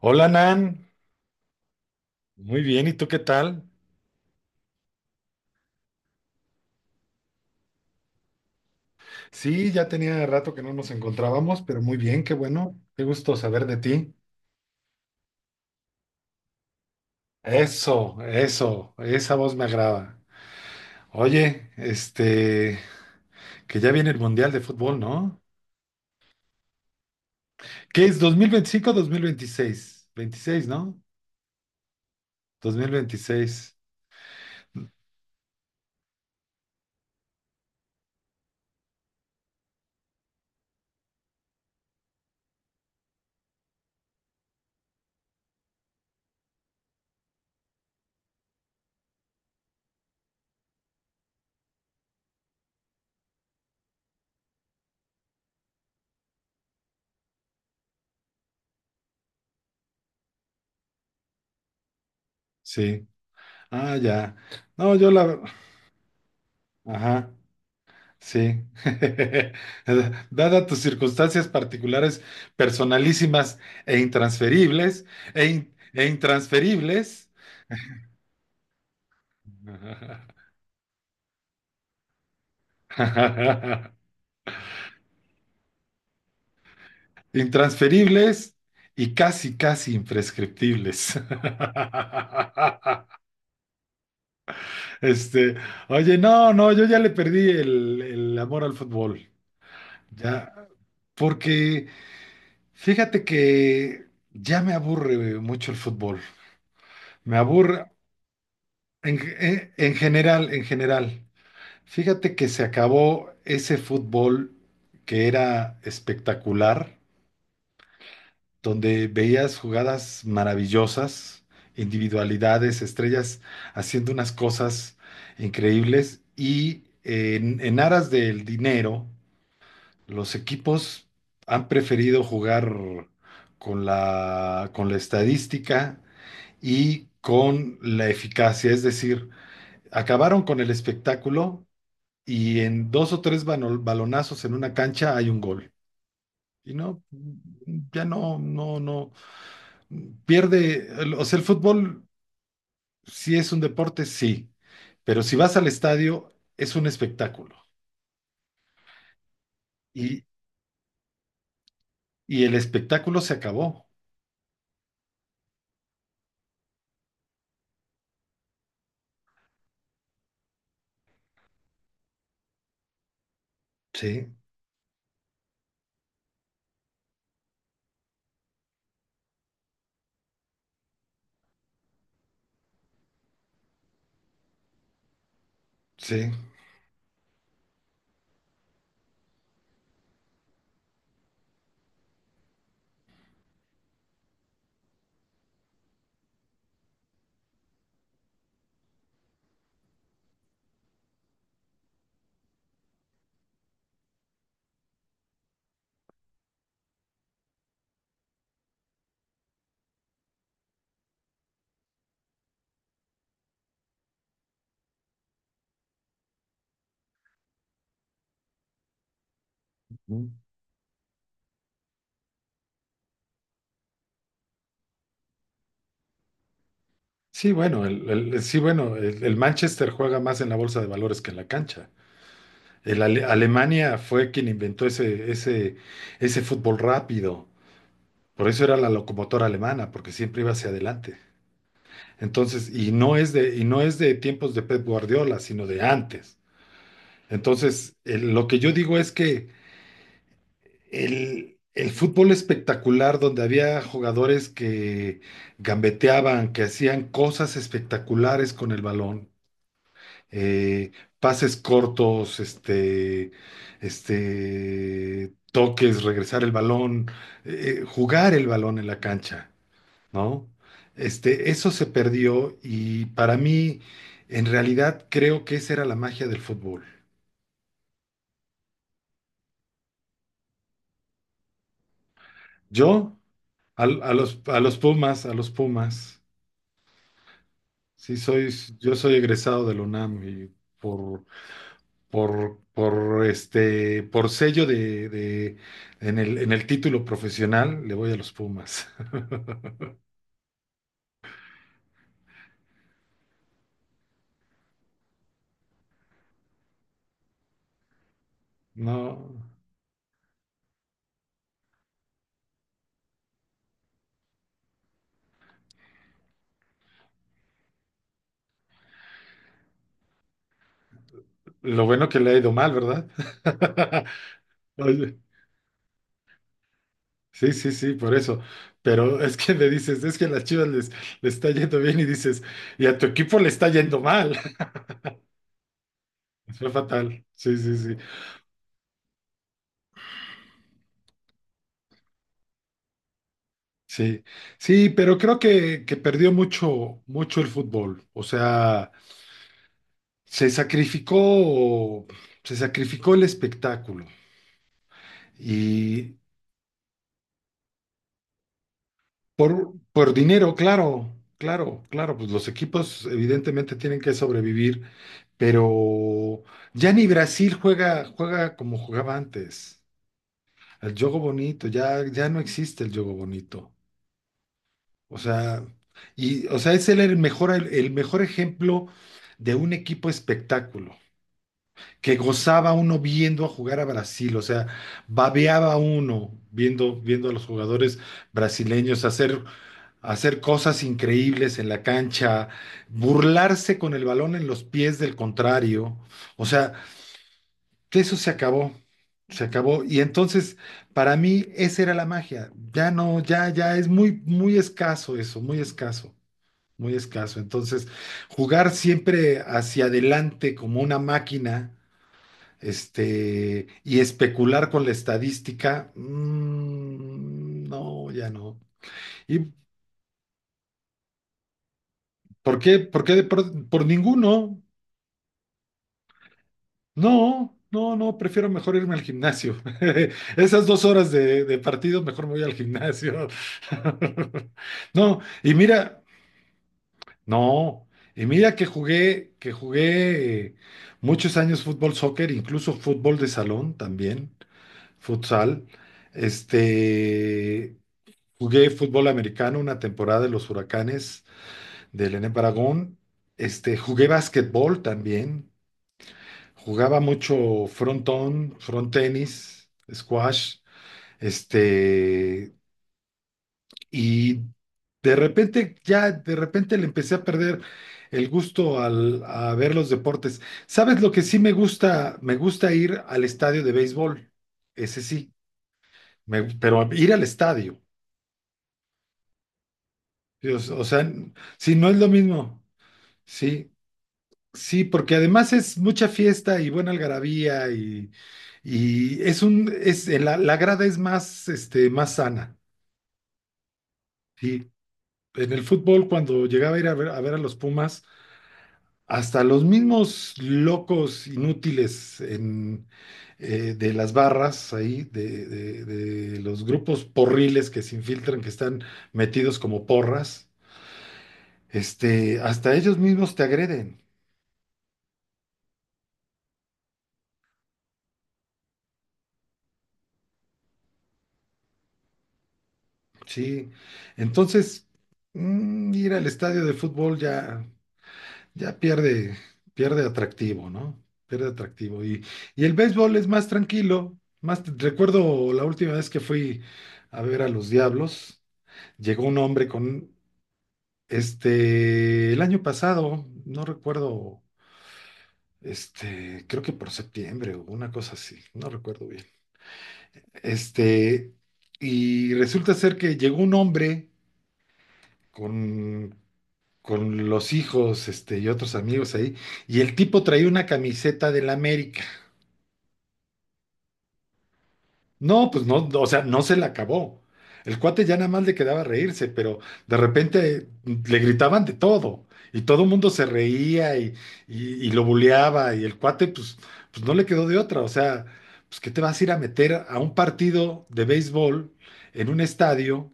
Hola Nan, muy bien, ¿y tú qué tal? Sí, ya tenía rato que no nos encontrábamos, pero muy bien, qué bueno, qué gusto saber de ti. Eso, esa voz me agrada. Oye, que ya viene el Mundial de Fútbol, ¿no? ¿Qué es 2025 o 2026, veintiséis? ¿No? 2026, sí. Ah, ya. No, yo la... Ajá. Sí. Dada tus circunstancias particulares, personalísimas e intransferibles, e intransferibles, intransferibles y casi, casi imprescriptibles. Este, oye, no, no, yo ya le perdí el amor al fútbol. Ya, porque fíjate que ya me aburre mucho el fútbol. Me aburre. En general, en general, fíjate que se acabó ese fútbol que era espectacular, donde veías jugadas maravillosas, individualidades, estrellas haciendo unas cosas increíbles y en aras del dinero, los equipos han preferido jugar con la estadística y con la eficacia, es decir, acabaron con el espectáculo y en dos o tres balonazos en una cancha hay un gol. Y no, ya no, no, no, pierde, o sea, el fútbol sí es un deporte, sí, pero si vas al estadio es un espectáculo. Y, y el espectáculo se acabó. Sí, sí. Ujú. Sí, bueno, sí, bueno, el Manchester juega más en la bolsa de valores que en la cancha. Alemania fue quien inventó ese fútbol rápido. Por eso era la locomotora alemana, porque siempre iba hacia adelante. Entonces, y no es de tiempos de Pep Guardiola, sino de antes. Entonces, lo que yo digo es que el fútbol espectacular, donde había jugadores que gambeteaban, que hacían cosas espectaculares con el balón, eh, pases cortos, toques, regresar el balón, jugar el balón en la cancha, ¿no? Eso se perdió y para mí, en realidad, creo que esa era la magia del fútbol. Yo, a los Pumas, sí soy, yo soy egresado de la UNAM y por, por sello en el título profesional, le voy a los Pumas. No, lo bueno que le ha ido mal, ¿verdad? Oye. Sí, sí, sí, por eso. Pero es que le dices, es que a las Chivas les está yendo bien y dices, y a tu equipo le está yendo mal. Fue fatal. Sí, sí, sí. Sí, sí, pero creo que, perdió mucho, mucho el fútbol. O sea, se sacrificó, se sacrificó el espectáculo y, por dinero, claro, claro, claro, pues los equipos evidentemente tienen que sobrevivir, pero ya ni Brasil juega, como jugaba antes. El juego bonito, ya no existe el juego bonito. O sea, y, o sea, es el mejor ejemplo de un equipo espectáculo, que gozaba uno viendo a jugar a Brasil, o sea, babeaba uno viendo a los jugadores brasileños hacer cosas increíbles en la cancha, burlarse con el balón en los pies del contrario. O sea, que eso se acabó, se acabó. Y entonces, para mí, esa era la magia. Ya no, ya es muy, muy escaso eso, muy escaso, muy escaso. Entonces, jugar siempre hacia adelante como una máquina. Y especular con la estadística, no, ya no. ¿Y por qué? ¿Por qué por ninguno? No, no, no, prefiero mejor irme al gimnasio. Esas 2 horas de partido, mejor me voy al gimnasio. No, y mira, no, y mira que jugué muchos años fútbol, soccer, incluso fútbol de salón también, futsal. Este, jugué fútbol americano una temporada de los Huracanes del ENE Paragón. Jugué básquetbol también. Jugaba mucho frontón, front tenis, squash, este, y de repente, ya de repente le empecé a perder el gusto a ver los deportes. ¿Sabes lo que sí me gusta? Me gusta ir al estadio de béisbol, ese sí, pero ir al estadio, Dios, o sea, sí, no es lo mismo, sí, sí. porque además es mucha fiesta y buena algarabía y es un, es, la, la grada es más, más sana. Sí, en el fútbol cuando llegaba a ir ver a los Pumas, hasta los mismos locos inútiles de las barras ahí, de los grupos porriles que se infiltran, que están metidos como porras, hasta ellos mismos te agreden. Sí, entonces ir al estadio de fútbol ya, ya pierde, pierde atractivo, ¿no? Pierde atractivo. Y el béisbol es más tranquilo. Más, recuerdo la última vez que fui a ver a los Diablos, llegó un hombre con, el año pasado, no recuerdo, creo que por septiembre o una cosa así, no recuerdo bien. Este, y resulta ser que llegó un hombre con con los hijos, y otros amigos ahí, y el tipo traía una camiseta del América. No, pues no, no, o sea, no se la acabó. El cuate ya nada más le quedaba reírse, pero de repente le gritaban de todo, y todo el mundo se reía y lo buleaba, y el cuate, pues, pues no le quedó de otra. O sea, pues, ¿qué te vas a ir a meter a un partido de béisbol en un estadio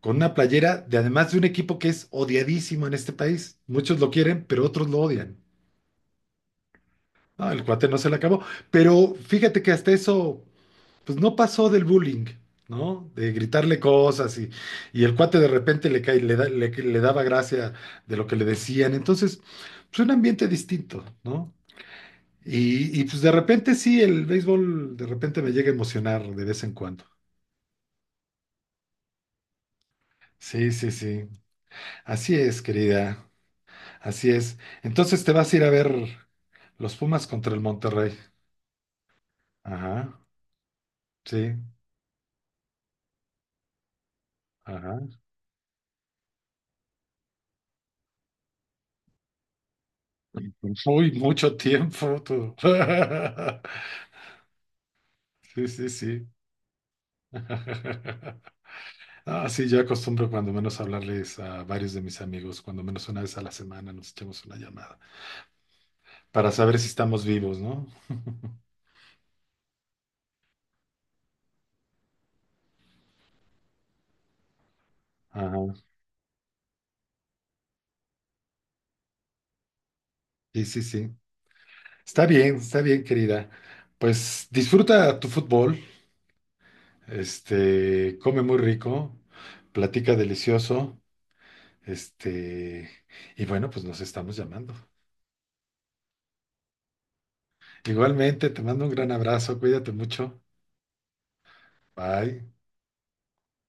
con una playera de además de un equipo que es odiadísimo en este país? Muchos lo quieren, pero otros lo odian. No, el cuate no se la acabó. Pero fíjate que hasta eso, pues no pasó del bullying, ¿no? De gritarle cosas y el cuate de repente le cae, le daba gracia de lo que le decían. Entonces, pues un ambiente distinto, ¿no? Y pues de repente sí, el béisbol de repente me llega a emocionar de vez en cuando. Sí, sí, sí. Así es, querida. Así es. Entonces te vas a ir a ver los Pumas contra el Monterrey. Ajá, sí, ajá. Uy, mucho tiempo tú. Sí, sí, sí. Ah, sí, yo acostumbro cuando menos hablarles a varios de mis amigos, cuando menos una vez a la semana nos echamos una llamada para saber si estamos vivos, ¿no? Ajá. Sí, sí, sí. Está bien, querida. Pues disfruta tu fútbol, come muy rico, platica delicioso, este, y bueno, pues nos estamos llamando. Igualmente, te mando un gran abrazo, cuídate mucho. Bye.